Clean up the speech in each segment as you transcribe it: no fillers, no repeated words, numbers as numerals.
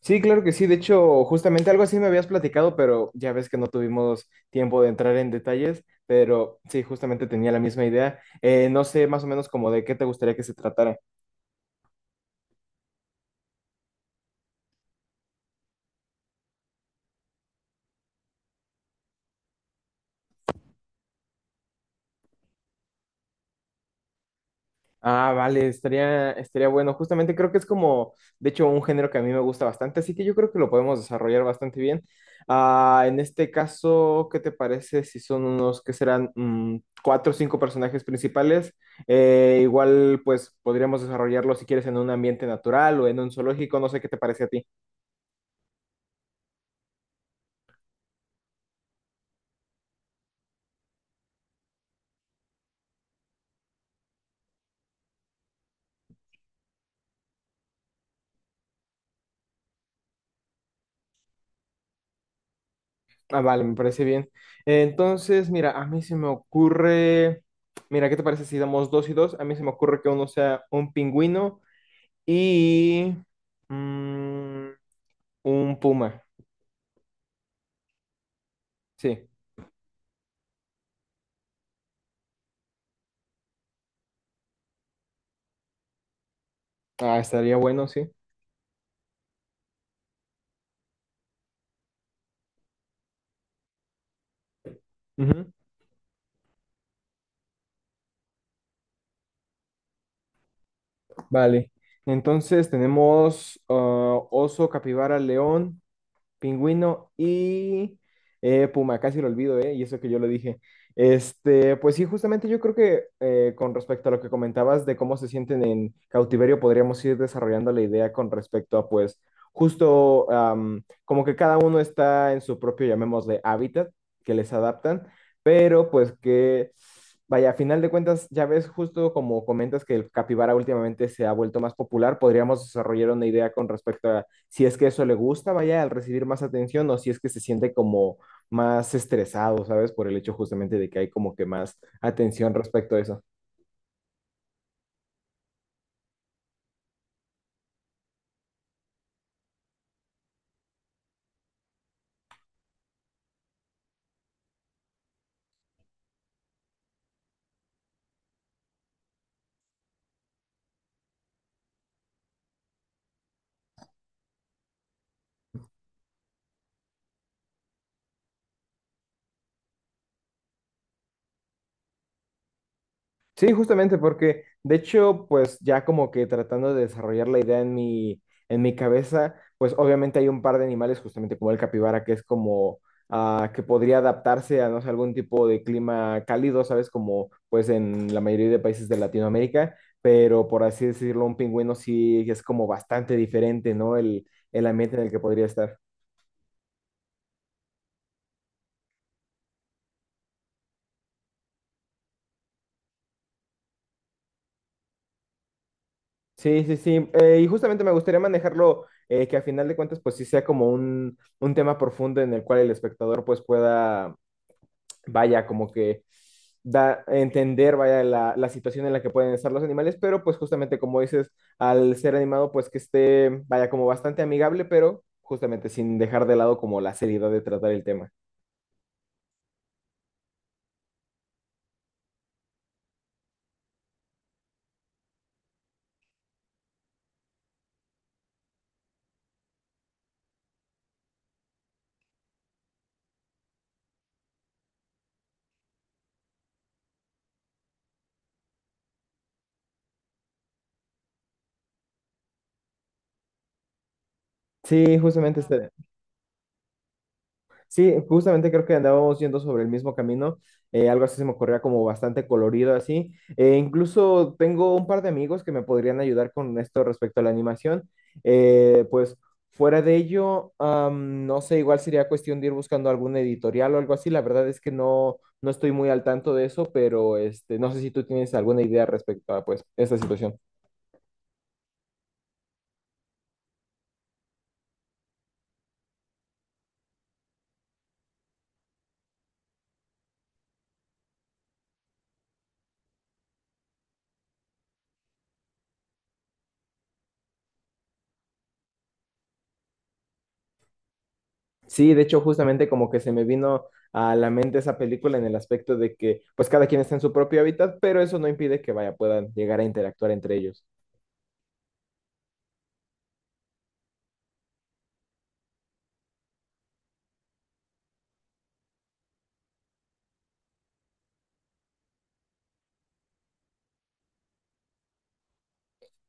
Sí, claro que sí. De hecho, justamente algo así me habías platicado, pero ya ves que no tuvimos tiempo de entrar en detalles, pero sí, justamente tenía la misma idea. No sé más o menos como de qué te gustaría que se tratara. Ah, vale, estaría bueno. Justamente creo que es como, de hecho, un género que a mí me gusta bastante, así que yo creo que lo podemos desarrollar bastante bien. Ah, en este caso, ¿qué te parece si son unos que serán cuatro o cinco personajes principales? Igual, pues podríamos desarrollarlo si quieres en un ambiente natural o en un zoológico, no sé qué te parece a ti. Ah, vale, me parece bien. Entonces, mira, a mí se me ocurre, mira, ¿qué te parece si damos dos y dos? A mí se me ocurre que uno sea un pingüino y mm, un puma, sí. Ah, estaría bueno, sí. Ujú. Vale. Entonces tenemos, oso, capibara, león. Pingüino y puma, casi lo olvido, ¿eh? Y eso que yo lo dije. Este, pues sí, justamente yo creo que, con respecto a lo que comentabas de cómo se sienten en cautiverio, podríamos ir desarrollando la idea con respecto a, pues, justo, como que cada uno está en su propio, llamémosle, hábitat que les adaptan, pero pues que, vaya, a final de cuentas, ya ves, justo como comentas que el capibara últimamente se ha vuelto más popular, podríamos desarrollar una idea con respecto a si es que eso le gusta, vaya, al recibir más atención o si es que se siente como más estresado, ¿sabes? Por el hecho justamente de que hay como que más atención respecto a eso. Sí, justamente porque, de hecho, pues ya como que tratando de desarrollar la idea en mi cabeza, pues obviamente hay un par de animales, justamente como el capibara, que es como, que podría adaptarse a, no sé, algún tipo de clima cálido, ¿sabes? Como pues en la mayoría de países de Latinoamérica, pero por así decirlo, un pingüino sí es como bastante diferente, ¿no? El ambiente en el que podría estar. Sí, sí, sí. Y justamente me gustaría manejarlo, que a final de cuentas, pues sí sea como un tema profundo en el cual el espectador pues pueda, vaya, como que entender, vaya, la situación en la que pueden estar los animales, pero pues justamente como dices, al ser animado, pues que esté, vaya, como bastante amigable, pero justamente sin dejar de lado como la seriedad de tratar el tema. Sí, justamente este- Sí, justamente creo que andábamos yendo sobre el mismo camino, algo así se me ocurría como bastante colorido así. Incluso tengo un par de amigos que me podrían ayudar con esto respecto a la animación. Pues fuera de ello, no sé, igual sería cuestión de ir buscando algún editorial o algo así. La verdad es que no, no estoy muy al tanto de eso, pero este, no sé si tú tienes alguna idea respecto a pues esta situación. Sí, de hecho, justamente como que se me vino a la mente esa película en el aspecto de que pues cada quien está en su propio hábitat, pero eso no impide que vaya, puedan llegar a interactuar entre ellos.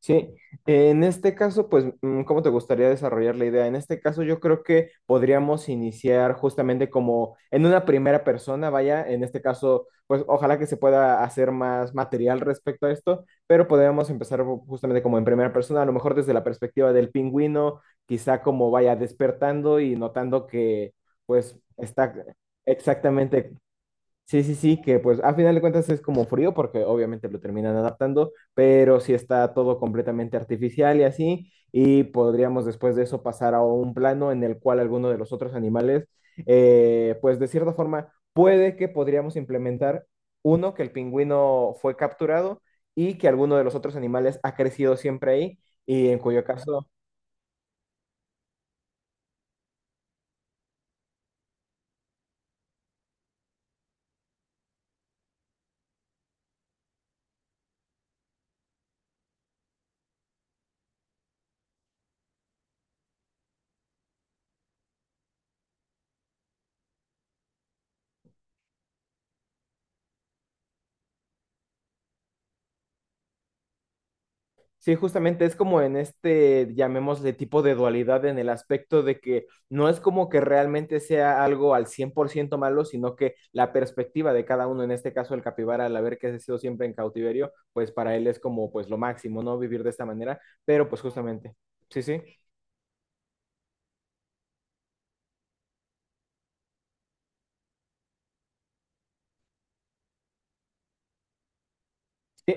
Sí, en este caso, pues, ¿cómo te gustaría desarrollar la idea? En este caso, yo creo que podríamos iniciar justamente como en una primera persona, vaya, en este caso, pues, ojalá que se pueda hacer más material respecto a esto, pero podríamos empezar justamente como en primera persona, a lo mejor desde la perspectiva del pingüino, quizá como vaya despertando y notando que, pues, está. Exactamente. Sí, sí, sí, que pues a final de cuentas es como frío porque obviamente lo terminan adaptando, pero si está todo completamente artificial y así, y podríamos después de eso pasar a un plano en el cual alguno de los otros animales, pues de cierta forma, puede que podríamos implementar uno, que el pingüino fue capturado y que alguno de los otros animales ha crecido siempre ahí, y en cuyo caso. Sí, justamente es como en este, llamémosle tipo de dualidad en el aspecto de que no es como que realmente sea algo al 100% malo, sino que la perspectiva de cada uno, en este caso el capibara, al haber que sido siempre en cautiverio, pues para él es como pues lo máximo, ¿no? Vivir de esta manera, pero pues justamente, sí, sí. Sí,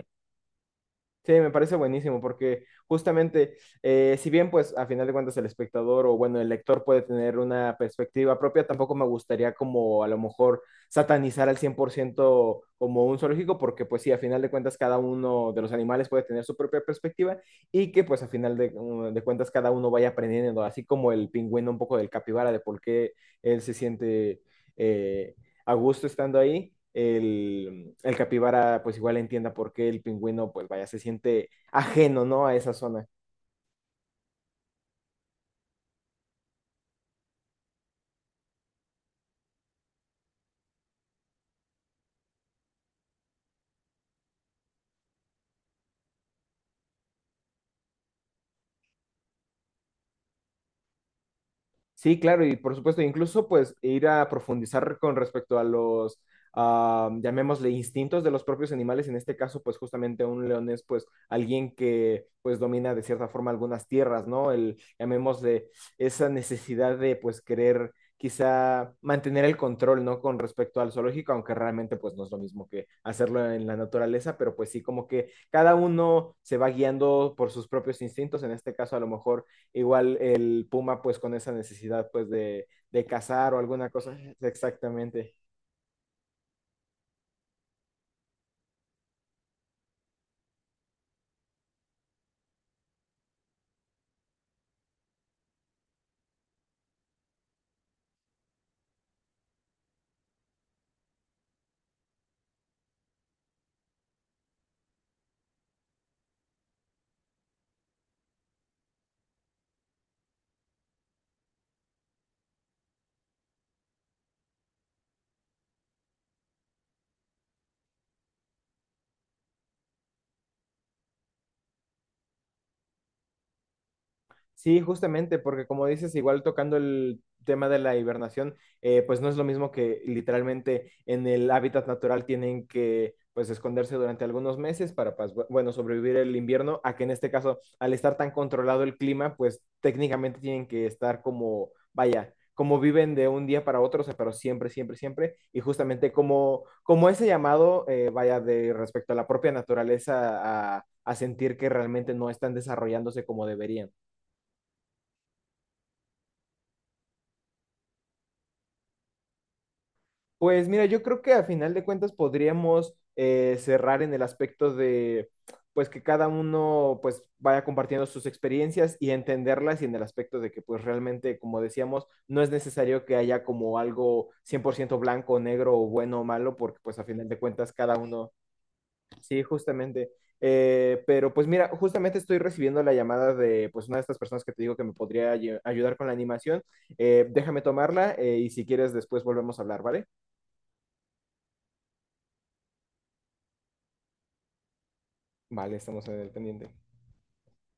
sí, me parece buenísimo porque justamente, si bien pues a final de cuentas el espectador o bueno, el lector puede tener una perspectiva propia, tampoco me gustaría como a lo mejor satanizar al 100% como un zoológico porque pues sí, a final de cuentas cada uno de los animales puede tener su propia perspectiva y que pues a final de cuentas cada uno vaya aprendiendo, así como el pingüino un poco del capibara de por qué él se siente eh, a gusto estando ahí. El capibara pues igual entienda por qué el pingüino pues vaya, se siente ajeno, ¿no? A esa zona. Sí, claro, y por supuesto, incluso pues ir a profundizar con respecto a los, llamémosle, instintos de los propios animales, en este caso pues justamente un león es pues alguien que pues domina de cierta forma algunas tierras, ¿no? El, llamémosle, esa necesidad de pues querer quizá mantener el control, ¿no? Con respecto al zoológico, aunque realmente pues no es lo mismo que hacerlo en la naturaleza, pero pues sí, como que cada uno se va guiando por sus propios instintos, en este caso a lo mejor. Igual el puma, pues con esa necesidad, pues de cazar o alguna cosa. Exactamente. Sí, justamente, porque como dices, igual tocando el tema de la hibernación, pues no es lo mismo que literalmente en el hábitat natural tienen que pues esconderse durante algunos meses para, pues, bueno, sobrevivir el invierno, a que en este caso, al estar tan controlado el clima, pues técnicamente tienen que estar como, vaya, como viven de un día para otro, o sea, pero siempre, siempre, siempre, y justamente como, ese llamado, vaya, de respecto a la propia naturaleza, a sentir que realmente no están desarrollándose como deberían. Pues mira, yo creo que a final de cuentas podríamos, cerrar en el aspecto de, pues que cada uno pues vaya compartiendo sus experiencias y entenderlas y en el aspecto de que pues realmente, como decíamos, no es necesario que haya como algo 100% blanco, o negro o bueno o malo, porque pues a final de cuentas cada uno, sí, justamente. Pero pues mira, justamente estoy recibiendo la llamada de pues una de estas personas que te digo que me podría ayudar con la animación. Déjame tomarla, y si quieres después volvemos a hablar, ¿vale? Vale, estamos en el pendiente.